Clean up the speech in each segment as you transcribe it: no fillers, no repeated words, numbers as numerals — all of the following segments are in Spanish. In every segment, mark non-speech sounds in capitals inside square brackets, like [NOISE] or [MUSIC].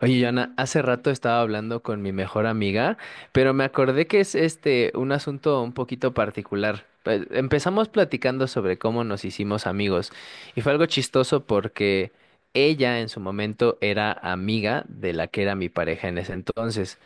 Oye, Joana, hace rato estaba hablando con mi mejor amiga, pero me acordé que es un asunto un poquito particular. Empezamos platicando sobre cómo nos hicimos amigos y fue algo chistoso porque ella en su momento era amiga de la que era mi pareja en ese entonces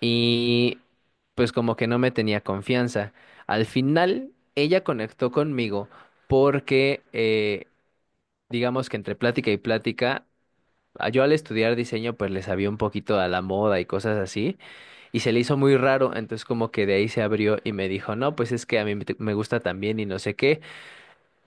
y pues como que no me tenía confianza. Al final ella conectó conmigo porque digamos que entre plática y plática yo al estudiar diseño pues le sabía un poquito a la moda y cosas así y se le hizo muy raro, entonces como que de ahí se abrió y me dijo, no, pues es que a mí me gusta también y no sé qué.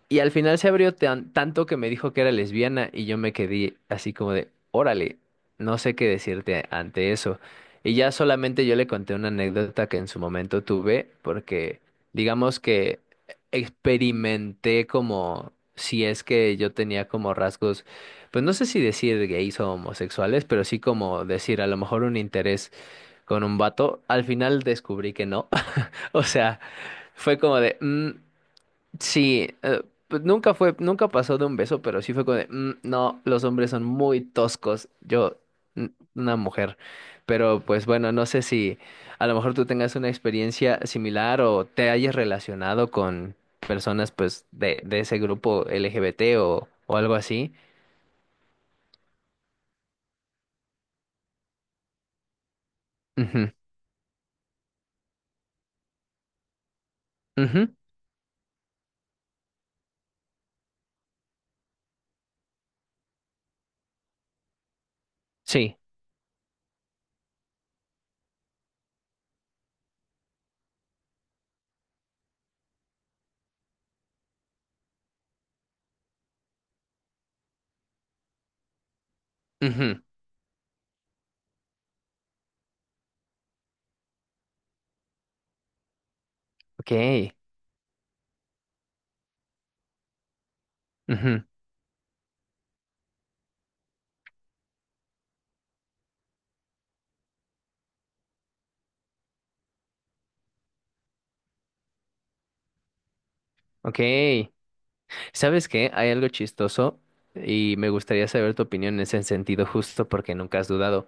Y al final se abrió tanto que me dijo que era lesbiana y yo me quedé así como de, órale, no sé qué decirte ante eso. Y ya solamente yo le conté una anécdota que en su momento tuve, porque digamos que experimenté como si es que yo tenía como rasgos, pues no sé si decir gays o homosexuales, pero sí como decir a lo mejor un interés con un vato. Al final descubrí que no. [LAUGHS] O sea, fue como de... "Mm, Sí, pues nunca fue, nunca pasó de un beso, pero sí fue como de, "Mm, no, los hombres son muy toscos, yo, mm, una mujer. Pero pues bueno, no sé si a lo mejor tú tengas una experiencia similar o te hayas relacionado con personas pues de ese grupo LGBT o algo así. Ujú, ujú, sí, ujú, ok, ujú, ok. ¿Sabes qué? Hay algo chistoso y me gustaría saber tu opinión en ese sentido justo porque nunca has dudado.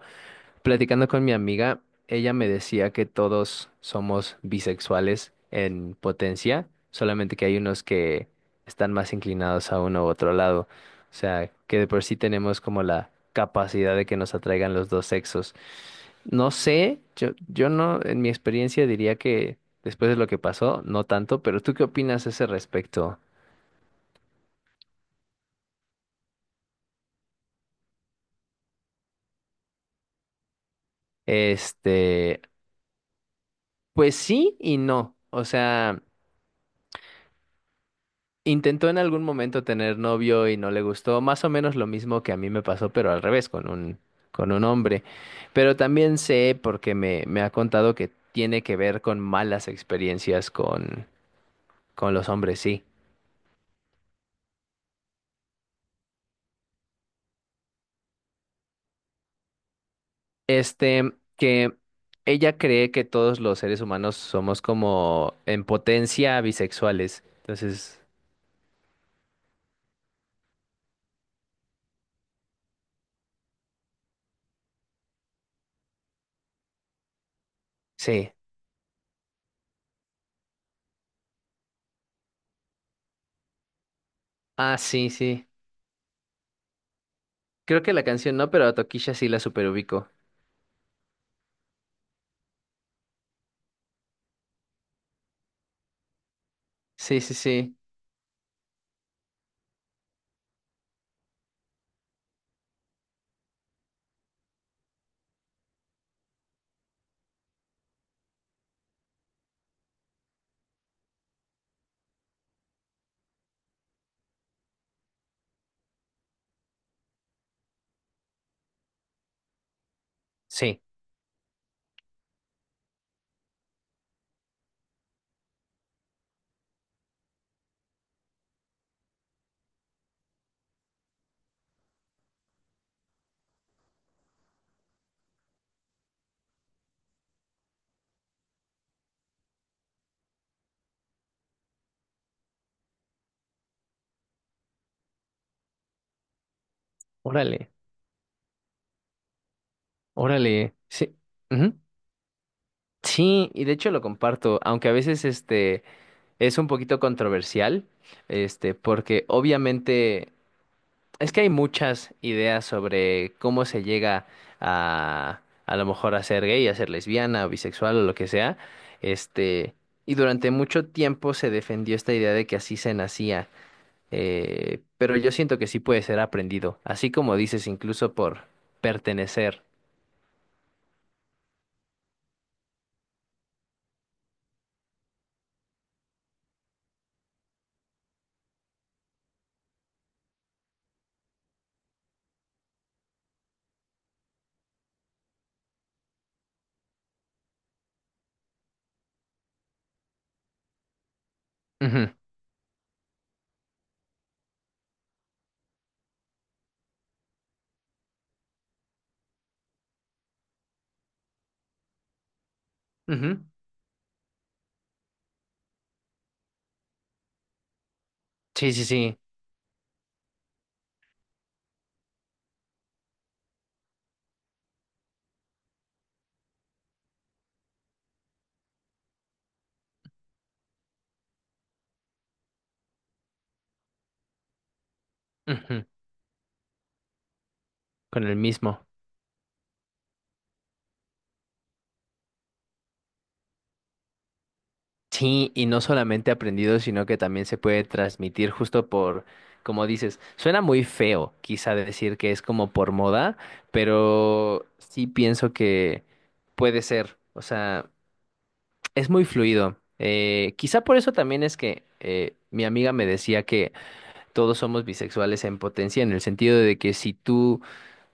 Platicando con mi amiga, ella me decía que todos somos bisexuales en potencia, solamente que hay unos que están más inclinados a uno u otro lado. O sea, que de por sí tenemos como la capacidad de que nos atraigan los dos sexos. No sé, yo no, en mi experiencia diría que después de lo que pasó, no tanto, pero ¿tú qué opinas a ese respecto? Este, pues sí y no. O sea... Intentó en algún momento tener novio y no le gustó, más o menos lo mismo que a mí me pasó, pero al revés, con un hombre. Pero también sé, porque me ha contado que tiene que ver con malas experiencias con los hombres, sí. Este, que ella cree que todos los seres humanos somos como en potencia bisexuales. Entonces, sí. Ah, sí, sí. Creo que la canción no, pero a Tokisha sí la superubico. Sí, sí, sí. Sí. Órale. Órale, sí, ujú. Sí, y de hecho lo comparto, aunque a veces es un poquito controversial, este, porque obviamente es que hay muchas ideas sobre cómo se llega a lo mejor a ser gay, a ser lesbiana o bisexual o lo que sea, este, y durante mucho tiempo se defendió esta idea de que así se nacía, pero yo siento que sí puede ser aprendido, así como dices, incluso por pertenecer. Ujú, ujú. Sí, sí, sí. Ujú, con el mismo. Sí, y no solamente aprendido, sino que también se puede transmitir justo por, como dices, suena muy feo, quizá decir que es como por moda, pero sí pienso que puede ser, o sea, es muy fluido. Quizá por eso también es que mi amiga me decía que todos somos bisexuales en potencia, en el sentido de que si tú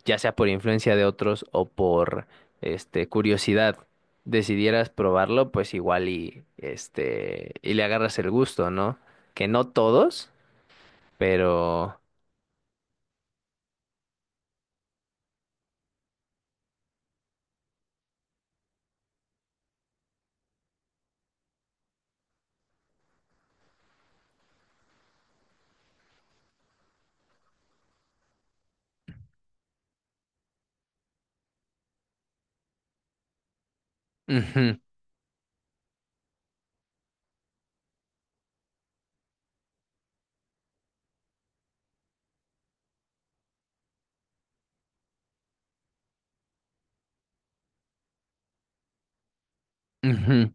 ya sea por influencia de otros o por curiosidad, decidieras probarlo, pues igual y y le agarras el gusto, ¿no? Que no todos, pero ujú, ujú,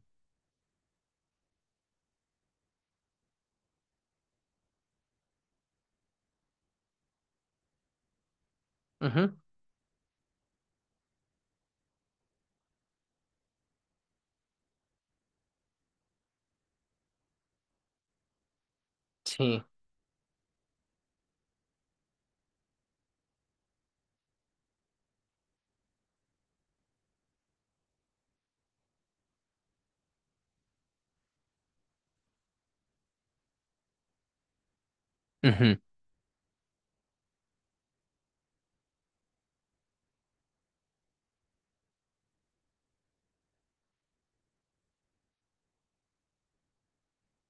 ujú, sí. Ujú,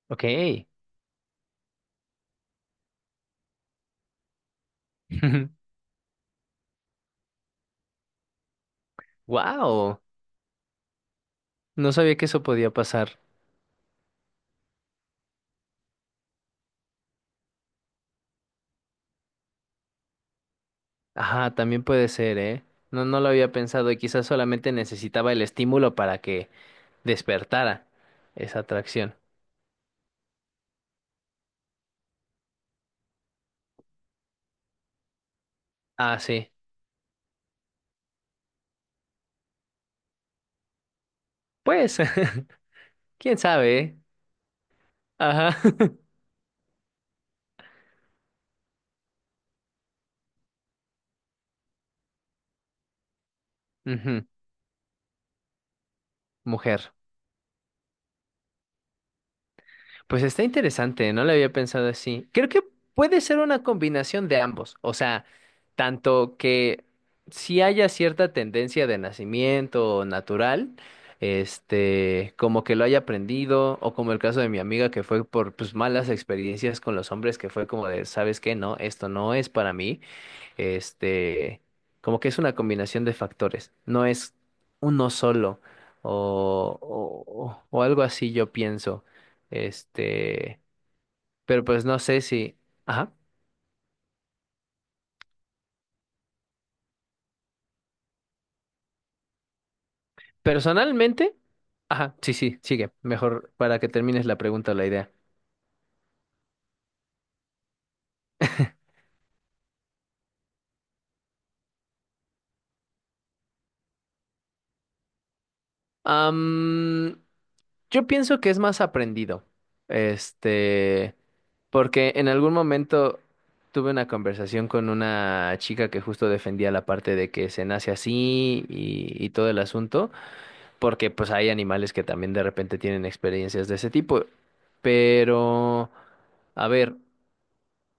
ok. [LAUGHS] Wow. No sabía que eso podía pasar. Ajá, también puede ser, ¿eh? No, no lo había pensado y quizás solamente necesitaba el estímulo para que despertara esa atracción. Ah, sí. Pues. [LAUGHS] ¿Quién sabe? ¿Eh? Ajá. [LAUGHS] Ujú, mujer. Pues está interesante, no lo había pensado así. Creo que puede ser una combinación de ambos. O sea, tanto que si haya cierta tendencia de nacimiento natural, este, como que lo haya aprendido, o como el caso de mi amiga que fue por pues, malas experiencias con los hombres, que fue como de, ¿sabes qué? No, esto no es para mí. Este, como que es una combinación de factores, no es uno solo o algo así yo pienso. Este, pero pues no sé si, ajá, personalmente, ajá, sí, sí, sigue, mejor para que termines la pregunta o la idea. Am, Yo pienso que es más aprendido. Este, porque en algún momento tuve una conversación con una chica que justo defendía la parte de que se nace así y todo el asunto, porque pues hay animales que también de repente tienen experiencias de ese tipo. Pero, a ver,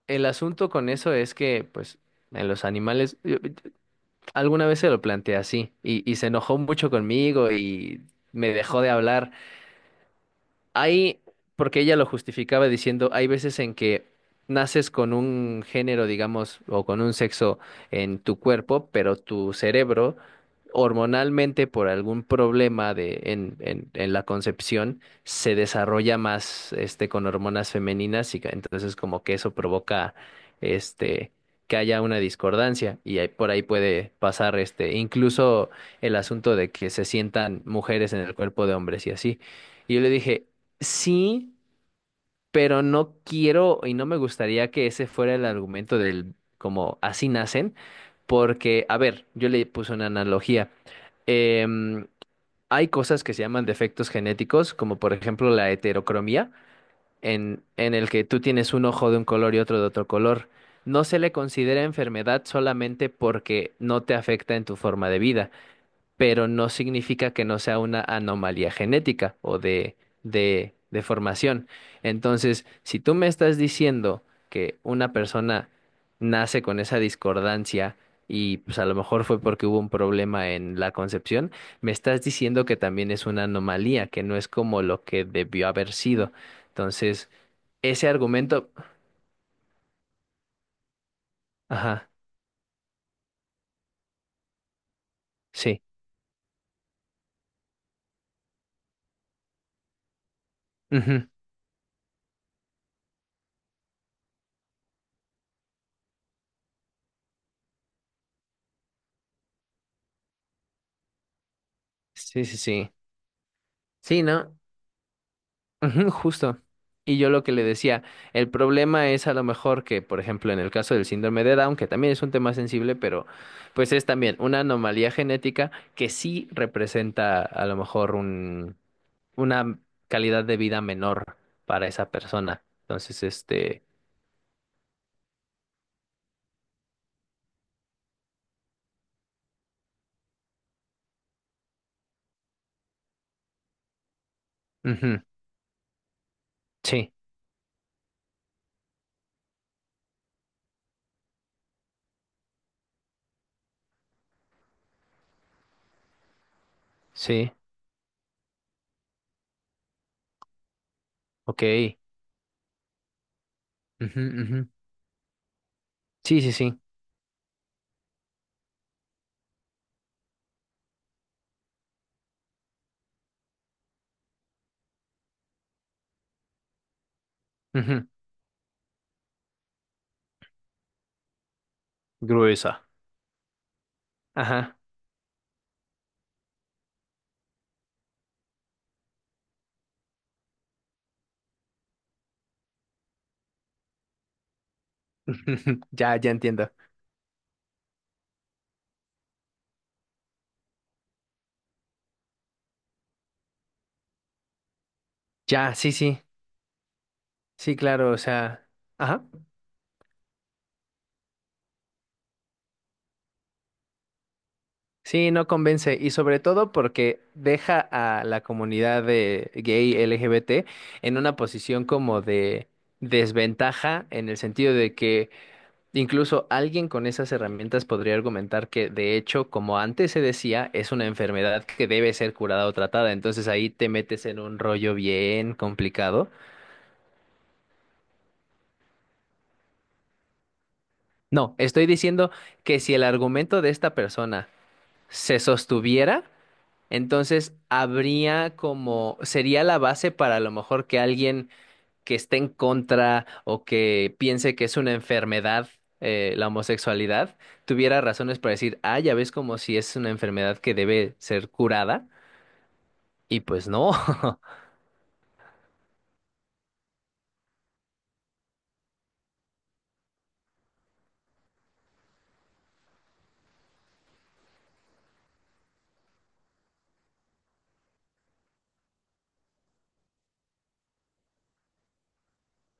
el asunto con eso es que, pues, en los animales, alguna vez se lo planteé así y se enojó mucho conmigo y me dejó de hablar. Hay, porque ella lo justificaba diciendo, hay veces en que naces con un género, digamos, o con un sexo en tu cuerpo, pero tu cerebro, hormonalmente, por algún problema en la concepción, se desarrolla más este, con hormonas femeninas y entonces como que eso provoca este, que haya una discordancia y por ahí puede pasar este, incluso el asunto de que se sientan mujeres en el cuerpo de hombres y así. Y yo le dije, sí, pero no quiero y no me gustaría que ese fuera el argumento del como así nacen, porque, a ver, yo le puse una analogía. Em, Hay cosas que se llaman defectos genéticos, como por ejemplo la heterocromía, en el que tú tienes un ojo de un color y otro de otro color. No se le considera enfermedad solamente porque no te afecta en tu forma de vida, pero no significa que no sea una anomalía genética o de formación. Entonces, si tú me estás diciendo que una persona nace con esa discordancia y pues a lo mejor fue porque hubo un problema en la concepción, me estás diciendo que también es una anomalía, que no es como lo que debió haber sido. Entonces, ese argumento, ajá, sí. Ujú, sí, sí, sí. Sí, ¿no? Ujú, justo. Y yo lo que le decía, el problema es a lo mejor que, por ejemplo, en el caso del síndrome de Down, que también es un tema sensible, pero pues es también una anomalía genética que sí representa a lo mejor un, una calidad de vida menor para esa persona. Entonces, este, ujú, sí, sí, ok, ujú, ujú, sí, sí, sí, ujú, gruesa. Ajá, [LAUGHS] ya, ya entiendo. Ya, sí, sí, sí, claro, o sea, ajá. Sí, no convence y sobre todo porque deja a la comunidad de gay LGBT en una posición como de desventaja en el sentido de que incluso alguien con esas herramientas podría argumentar que de hecho, como antes se decía, es una enfermedad que debe ser curada o tratada, entonces ahí te metes en un rollo bien complicado. No, estoy diciendo que si el argumento de esta persona se sostuviera, entonces, habría como, sería la base para a lo mejor que alguien que esté en contra o que piense que es una enfermedad la homosexualidad, tuviera razones para decir, ah, ya ves como si es una enfermedad que debe ser curada, y pues no. [LAUGHS]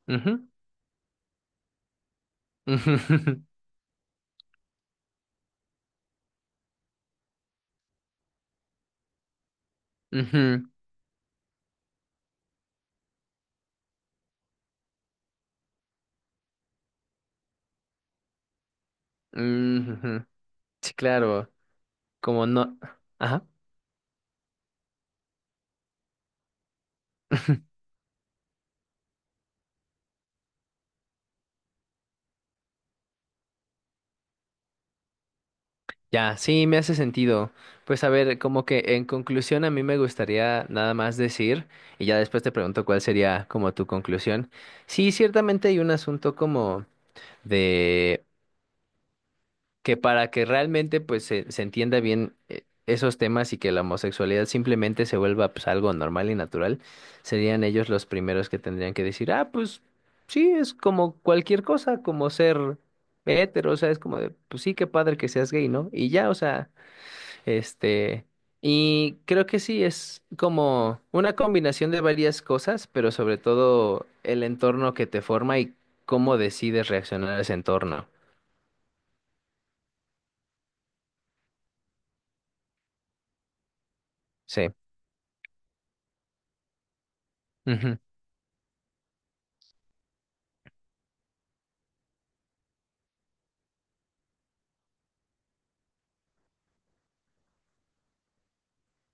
Ujú, ujú, [LAUGHS] ujú, ujú. Sí, claro, como no. Ajá. [LAUGHS] Ya, sí, me hace sentido. Pues a ver, como que en conclusión a mí me gustaría nada más decir, y ya después te pregunto cuál sería como tu conclusión. Sí, ciertamente hay un asunto como de que para que realmente pues se entienda bien esos temas y que la homosexualidad simplemente se vuelva pues algo normal y natural, serían ellos los primeros que tendrían que decir, ah, pues sí, es como cualquier cosa, como ser hetero, o sea, es como de, pues sí, qué padre que seas gay, ¿no? Y ya, o sea... Este, y creo que sí, es como una combinación de varias cosas, pero sobre todo el entorno que te forma y cómo decides reaccionar a ese entorno. Sí. Ujú,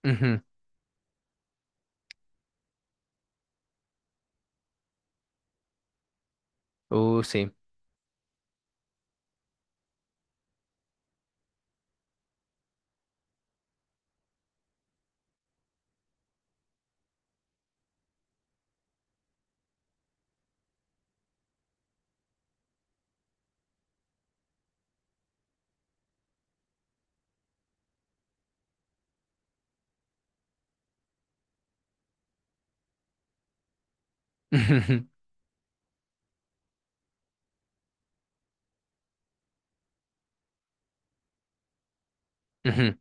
ujú. Sí. [LAUGHS] Ujú, ujú.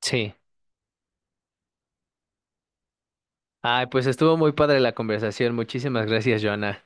Sí. Ay, pues estuvo muy padre la conversación. Muchísimas gracias, Joana.